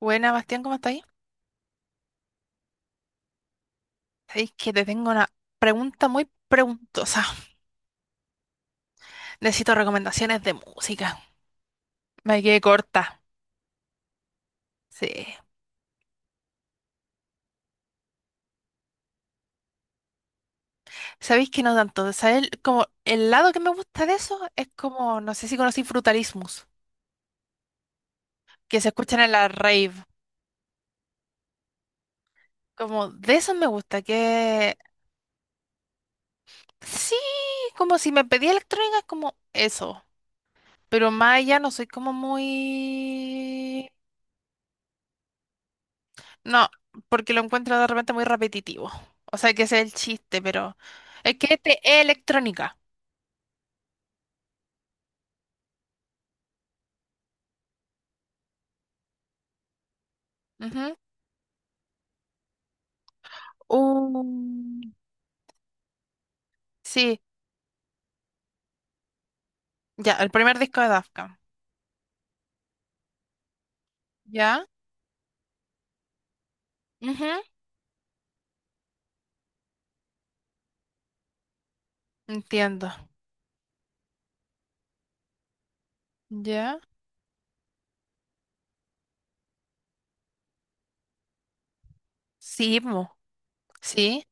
Buena, Bastián, ¿cómo estáis? Sabéis que te tengo una pregunta muy preguntosa. Necesito recomendaciones de música. Me quedé corta. Sí. Sabéis que no tanto. ¿Sabéis? Como el lado que me gusta de eso es como, no sé si conocí Frutalismus, que se escuchan en la rave. Como de eso me gusta, que sí, como si me pedía electrónica, es como eso. Pero más allá no soy como muy. No, porque lo encuentro de repente muy repetitivo. O sea, que ese es el chiste, pero es que este es electrónica. Ujú. Uh, Sí, ya, el primer disco de Daft Punk. Ya. Ujú. Entiendo. ¿Ya? Sí, mo. Sí,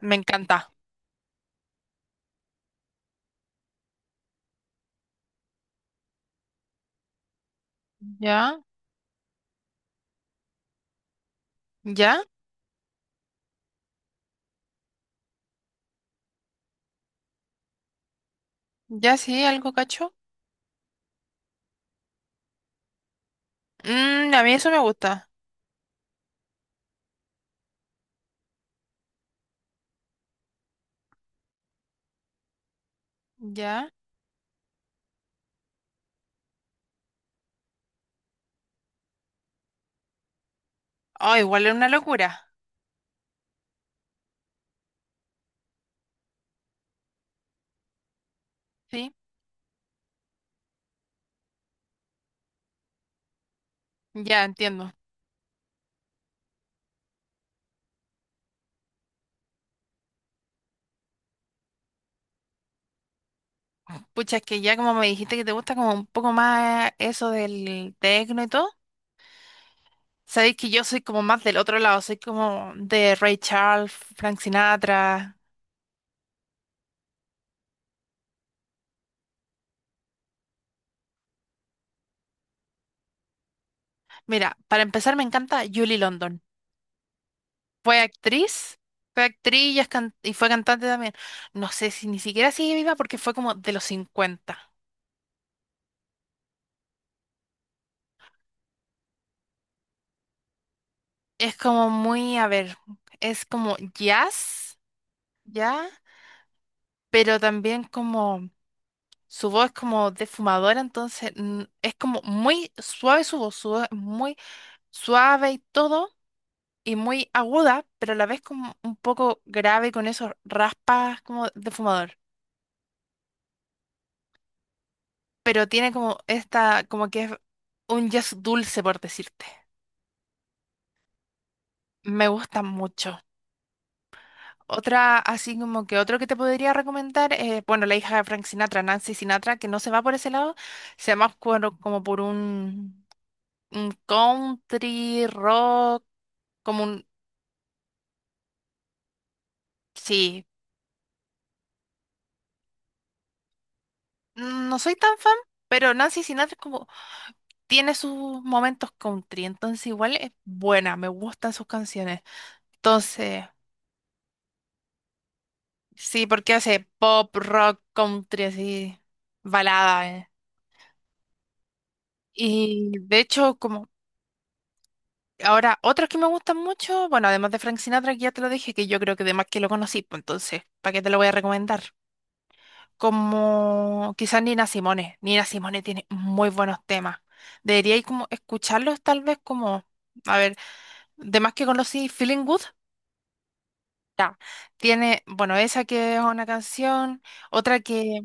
me encanta. ¿Ya? ¿Ya? ¿Ya sí? ¿Algo cacho? A mí eso me gusta. ¿Ya? Oh, igual es una locura. Sí, ya entiendo. Pucha, es que ya como me dijiste que te gusta como un poco más eso del tecno y todo. Sabéis que yo soy como más del otro lado, soy como de Ray Charles, Frank Sinatra. Mira, para empezar me encanta Julie London. Fue actriz, fue actriz y, y fue cantante también. No sé si ni siquiera sigue viva porque fue como de los 50. Es como muy, a ver, es como jazz, ¿ya? Pero también como su voz es como defumadora, entonces es como muy suave su voz es muy suave y todo y muy aguda, pero a la vez como un poco grave con esos raspas como de fumador. Pero tiene como esta, como que es un jazz dulce, por decirte. Me gusta mucho. Otra, así como que otro que te podría recomendar, bueno, la hija de Frank Sinatra, Nancy Sinatra, que no se va por ese lado, se va más como por un country rock, como un, sí, no soy tan fan, pero Nancy Sinatra es como tiene sus momentos country, entonces igual es buena, me gustan sus canciones. Entonces, sí, porque hace pop, rock, country, así, balada. Y de hecho, como ahora, otros que me gustan mucho, bueno, además de Frank Sinatra, que ya te lo dije, que yo creo que además que lo conocí, pues entonces, ¿para qué te lo voy a recomendar? Como quizás Nina Simone. Nina Simone tiene muy buenos temas. Deberíais como escucharlos tal vez como... A ver, de más que conocí Feeling Good. Ya. Tiene, bueno, esa que es una canción, otra que,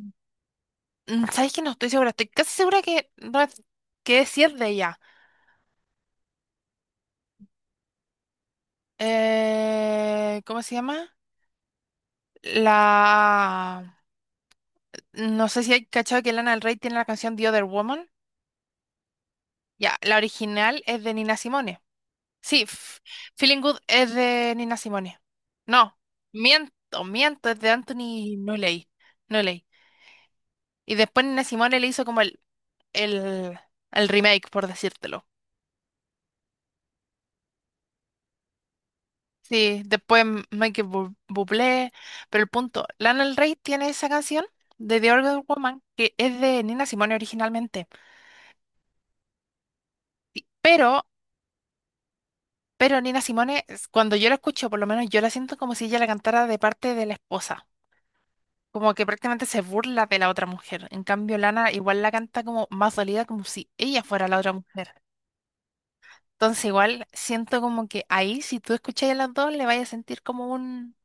¿sabes que no estoy segura, estoy casi segura que, no es- que es, sí es de ella. ¿Cómo se llama? La... No sé si hay cachado que Lana del Rey tiene la canción The Other Woman. Ya, la original es de Nina Simone. Sí, Feeling Good es de Nina Simone. No, miento, miento, es de Anthony Nolley. Nolley. Y después Nina Simone le hizo como el el, el remake, por decírtelo. Sí, después Michael Bublé, pero el punto, Lana del Rey tiene esa canción de The Organ Woman que es de Nina Simone originalmente, pero, pero Nina Simone, cuando yo la escucho, por lo menos yo la siento como si ella la cantara de parte de la esposa, como que prácticamente se burla de la otra mujer. En cambio, Lana igual la canta como más dolida, como si ella fuera la otra mujer. Entonces igual siento como que ahí, si tú escuchas a las dos, le vayas a sentir como un,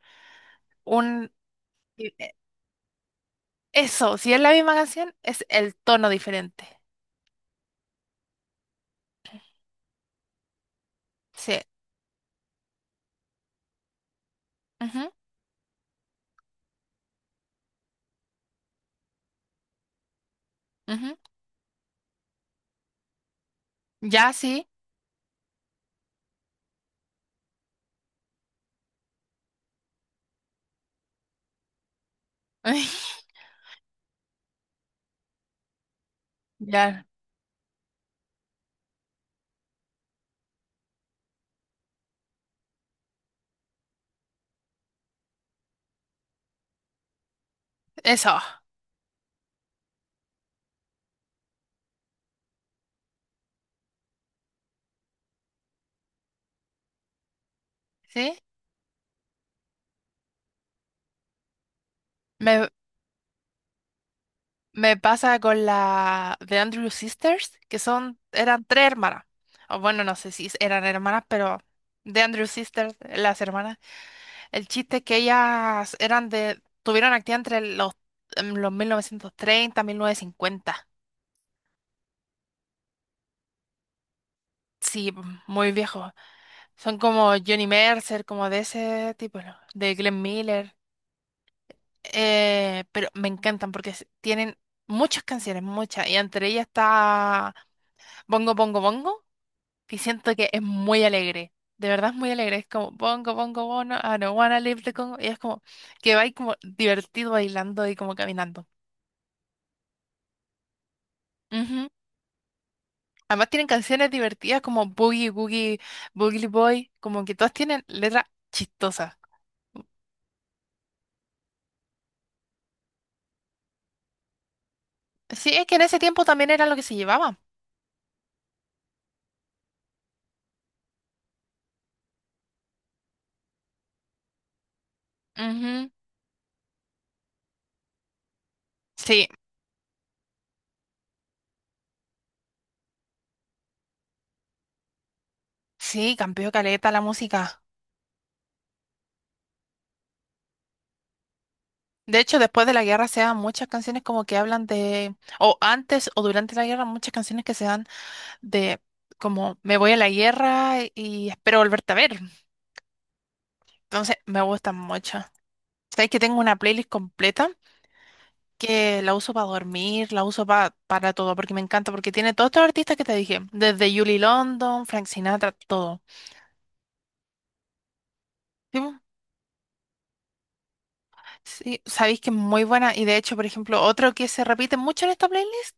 un. Eso, si es la misma canción, es el tono diferente. Sí. Ujú, ujú. Ya, sí. Ya. Eso. ¿Sí? Me, me pasa con la de Andrew Sisters, que son, eran tres hermanas. O bueno, no sé si eran hermanas, pero de Andrew Sisters, las hermanas. El chiste es que ellas eran de, tuvieron actividad entre los 1930, 1950. Sí, muy viejo. Son como Johnny Mercer, como de ese tipo, ¿no? De Glenn Miller. Pero me encantan porque tienen muchas canciones, muchas. Y entre ellas está Bongo Bongo Bongo, que siento que es muy alegre. De verdad es muy alegre. Es como Bongo Bongo Bongo, I don't wanna leave the Congo. Y es como que va ahí como divertido bailando y como caminando. Ujú. Además tienen canciones divertidas como Boogie Boogie, Boogie Boy, como que todas tienen letras chistosas. Sí, es que en ese tiempo también era lo que se llevaba. Ujú, sí, sí, cambió caleta la música. De hecho, después de la guerra se dan muchas canciones como que hablan de, o antes o durante la guerra, muchas canciones que se dan de como me voy a la guerra y espero volverte a ver. Entonces, me gustan mucho. Sabes que tengo una playlist completa que la uso para dormir, la uso para todo, porque me encanta, porque tiene todos estos artistas que te dije, desde Julie London, Frank Sinatra, todo. Sí, po. Sí, sabéis que es muy buena y de hecho, por ejemplo, otro que se repite mucho en esta playlist.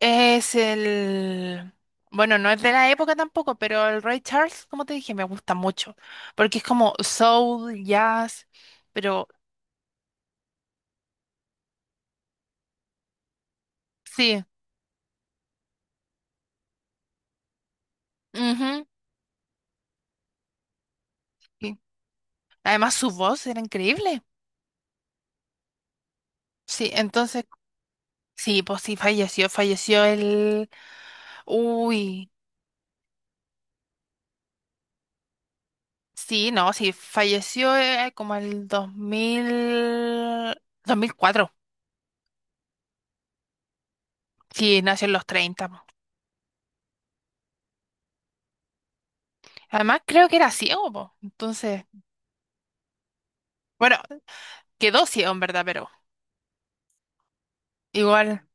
Es el... Bueno, no es de la época tampoco, pero el Ray Charles, como te dije, me gusta mucho. Porque es como soul, jazz, pero sí. Ujú, sí. Además, su voz era increíble. Sí, entonces, sí, pues sí, falleció, falleció el... Uy, sí, no, sí, falleció como el 2004. Sí, nació en los 30 po. Además, creo que era ciego, po. Entonces, bueno, quedó ciego en verdad, pero... Igual.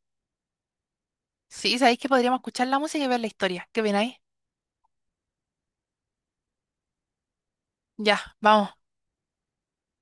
Sí, sabéis que podríamos escuchar la música y ver la historia. ¿Qué opináis? Ya, vamos.